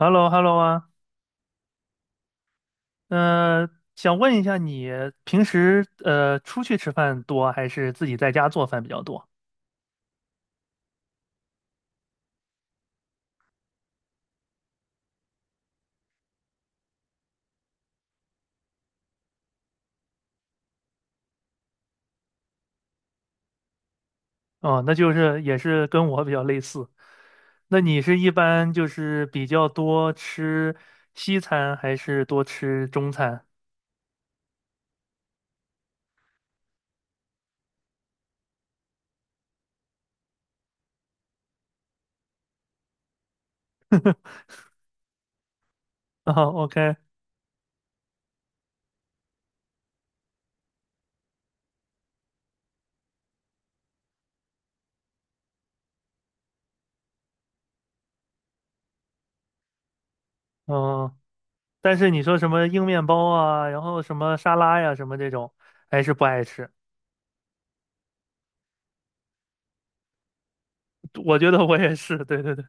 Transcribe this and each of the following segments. h e l l o h e l l o 啊，呃，想问一下你平时出去吃饭多还是自己在家做饭比较多？哦，那就是也是跟我比较类似。那你是一般就是比较多吃西餐还是多吃中餐？啊，OK,嗯，但是你说什么硬面包啊，然后什么沙拉呀，什么这种，还是不爱吃。我觉得我也是，对对对。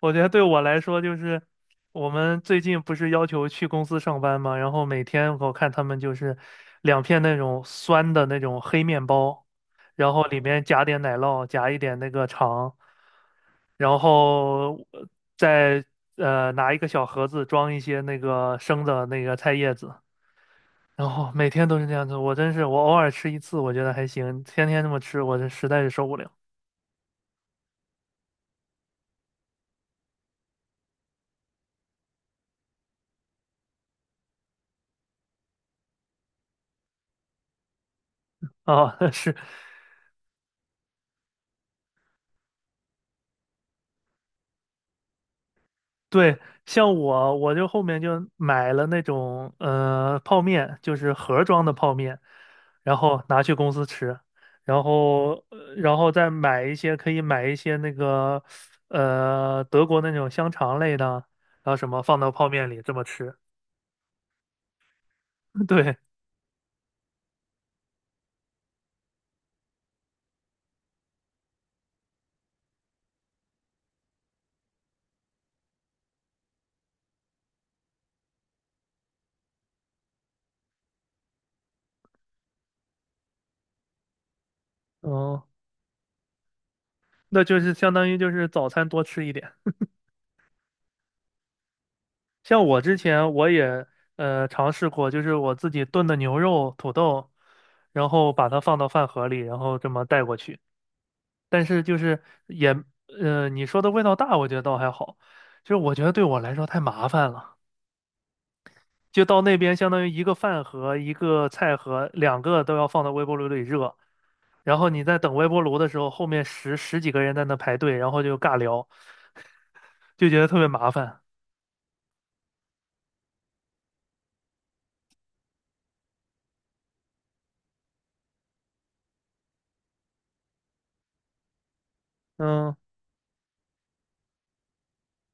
我觉得对我来说，就是我们最近不是要求去公司上班嘛，然后每天我看他们就是两片那种酸的那种黑面包，然后里面夹点奶酪，夹一点那个肠，然后再拿一个小盒子装一些那个生的那个菜叶子，然后每天都是这样子。我真是我偶尔吃一次，我觉得还行，天天这么吃，我这实在是受不了啊！是对，像我，我就后面就买了那种泡面，就是盒装的泡面，然后拿去公司吃，然后再买一些那个德国那种香肠类的，然后什么放到泡面里这么吃。对，哦，那就是相当于就是早餐多吃一点。像我之前我也尝试过，就是我自己炖的牛肉、土豆，然后把它放到饭盒里，然后这么带过去。但是就是也你说的味道大，我觉得倒还好，就是我觉得对我来说太麻烦了。就到那边，相当于一个饭盒、一个菜盒，两个都要放到微波炉里热。然后你在等微波炉的时候，后面十几个人在那排队，然后就尬聊，就觉得特别麻烦。嗯，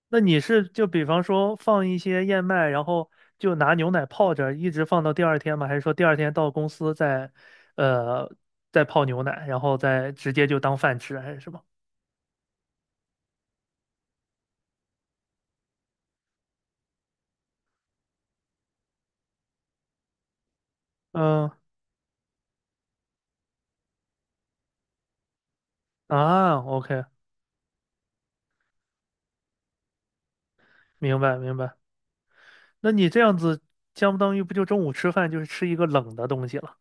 那你是就比方说放一些燕麦，然后就拿牛奶泡着，一直放到第二天吗？还是说第二天到公司呃再泡牛奶，然后再直接就当饭吃，还是什么？嗯啊，OK，明白明白。那你这样子，相当于不就中午吃饭就是吃一个冷的东西了？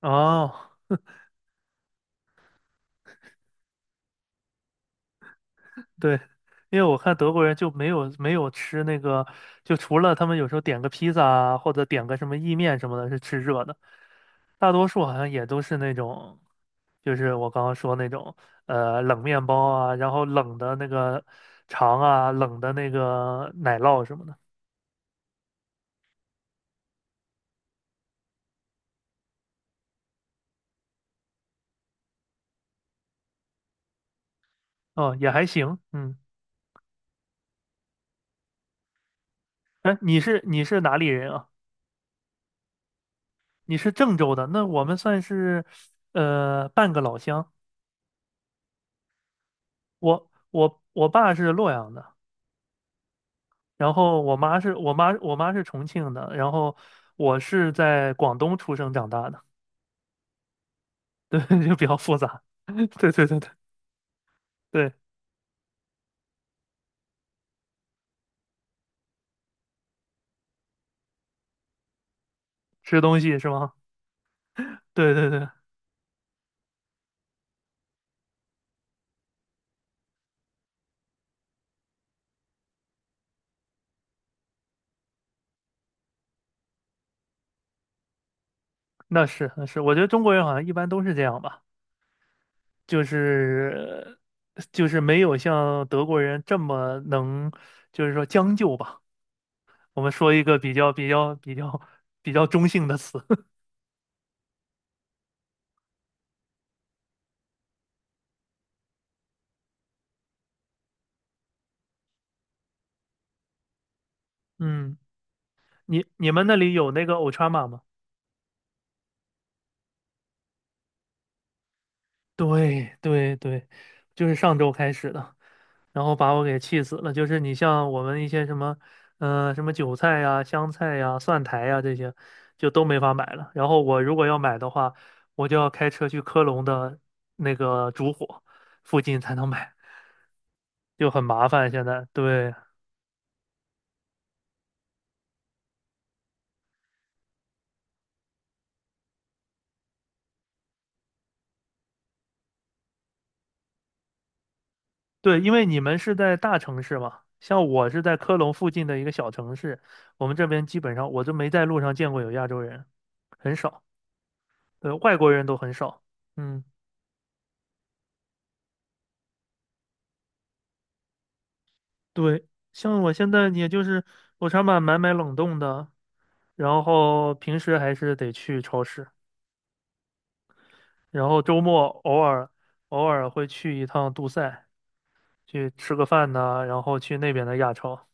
哦，对，因为我看德国人就没有吃那个，就除了他们有时候点个披萨啊，或者点个什么意面什么的，是吃热的，大多数好像也都是那种，就是我刚刚说那种，冷面包啊，然后冷的那个肠啊，冷的那个奶酪什么的。哦，也还行，嗯。哎，你是哪里人啊？你是郑州的，那我们算是半个老乡。我爸是洛阳的，然后我妈是重庆的，然后我是在广东出生长大的，对，就比较复杂。对对对对对，吃东西是吗？对对对，那是那是，我觉得中国人好像一般都是这样吧，就是就是没有像德国人这么能，就是说将就吧。我们说一个比较中性的词。嗯，你们那里有那个 Ultraman 吗？对对对，就是上周开始的，然后把我给气死了。就是你像我们一些什么，什么韭菜呀、香菜呀、蒜苔呀这些，就都没法买了。然后我如果要买的话，我就要开车去科隆的那个烛火附近才能买，就很麻烦。现在对，对，因为你们是在大城市嘛，像我是在科隆附近的一个小城市，我们这边基本上我就没在路上见过有亚洲人，很少，对，外国人都很少。嗯，对，像我现在也就是我常买冷冻的，然后平时还是得去超市，然后周末偶尔会去一趟杜塞，去吃个饭呐、然后去那边的亚超。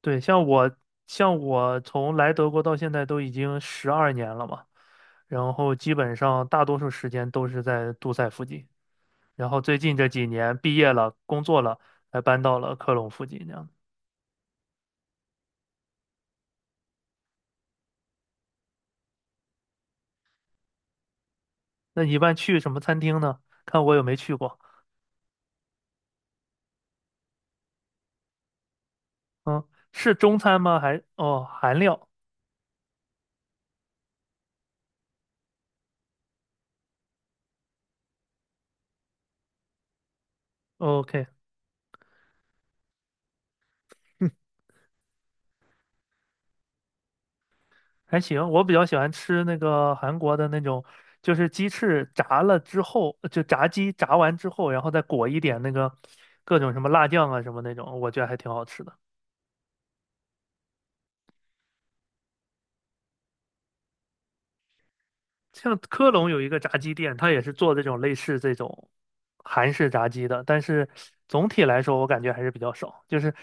对，像我从来德国到现在都已经12年了嘛，然后基本上大多数时间都是在杜塞附近，然后最近这几年毕业了，工作了，才搬到了科隆附近这样。那你一般去什么餐厅呢？看我有没去过。嗯，是中餐吗？还，哦，韩料。o k 还行，我比较喜欢吃那个韩国的那种，就是鸡翅炸了之后，就炸鸡炸完之后，然后再裹一点那个各种什么辣酱啊什么那种，我觉得还挺好吃的。像科隆有一个炸鸡店，它也是做这种类似这种韩式炸鸡的，但是总体来说我感觉还是比较少。就是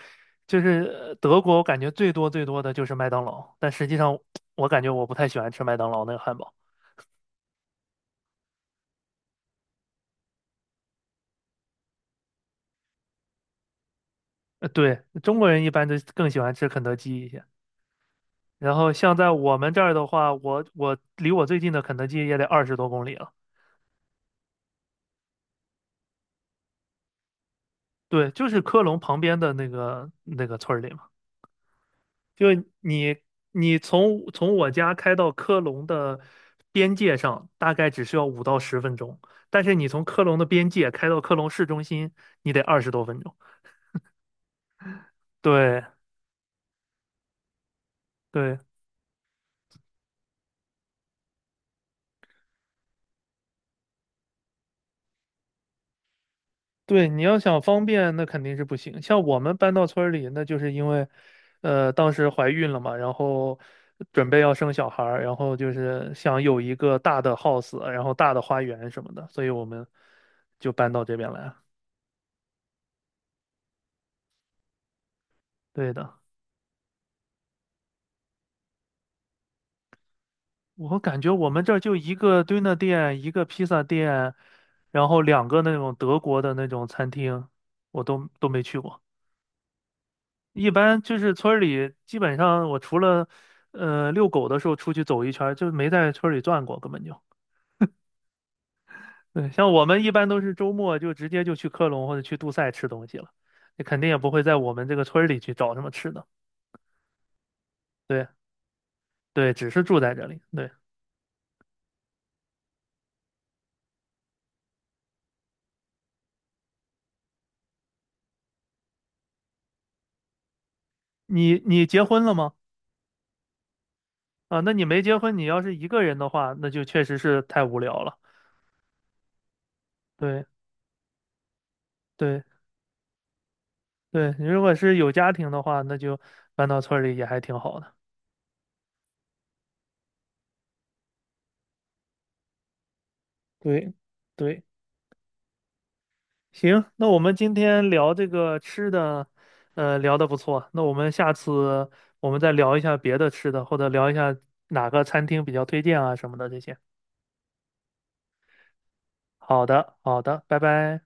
德国，我感觉最多最多的就是麦当劳，但实际上我感觉我不太喜欢吃麦当劳那个汉堡。对，中国人一般都更喜欢吃肯德基一些。然后像在我们这儿的话，我离我最近的肯德基也得20多公里了。对，就是科隆旁边的那个村儿里嘛。就你你从我家开到科隆的边界上，大概只需要5到10分钟，但是你从科隆的边界开到科隆市中心，你得20多分钟。对对，对，你要想方便，那肯定是不行。像我们搬到村儿里，那就是因为，当时怀孕了嘛，然后准备要生小孩儿，然后就是想有一个大的 house，然后大的花园什么的，所以我们就搬到这边来了。对的，我感觉我们这儿就一个 d ö n e 店，一个披萨店，然后两个那种德国的那种餐厅，我都没去过。一般就是村儿里，基本上我除了遛狗的时候出去走一圈儿就没在村儿里转过，根本就。对，像我们一般都是周末就直接就去科隆或者去杜塞吃东西了，你肯定也不会在我们这个村儿里去找什么吃的。对对，只是住在这里。对，你结婚了吗？啊，那你没结婚，你要是一个人的话，那就确实是太无聊了。对对对，你如果是有家庭的话，那就搬到村儿里也还挺好的。对对。行，那我们今天聊这个吃的，聊的不错。那我们下次再聊一下别的吃的，或者聊一下哪个餐厅比较推荐啊什么的这些。好的，好的，拜拜。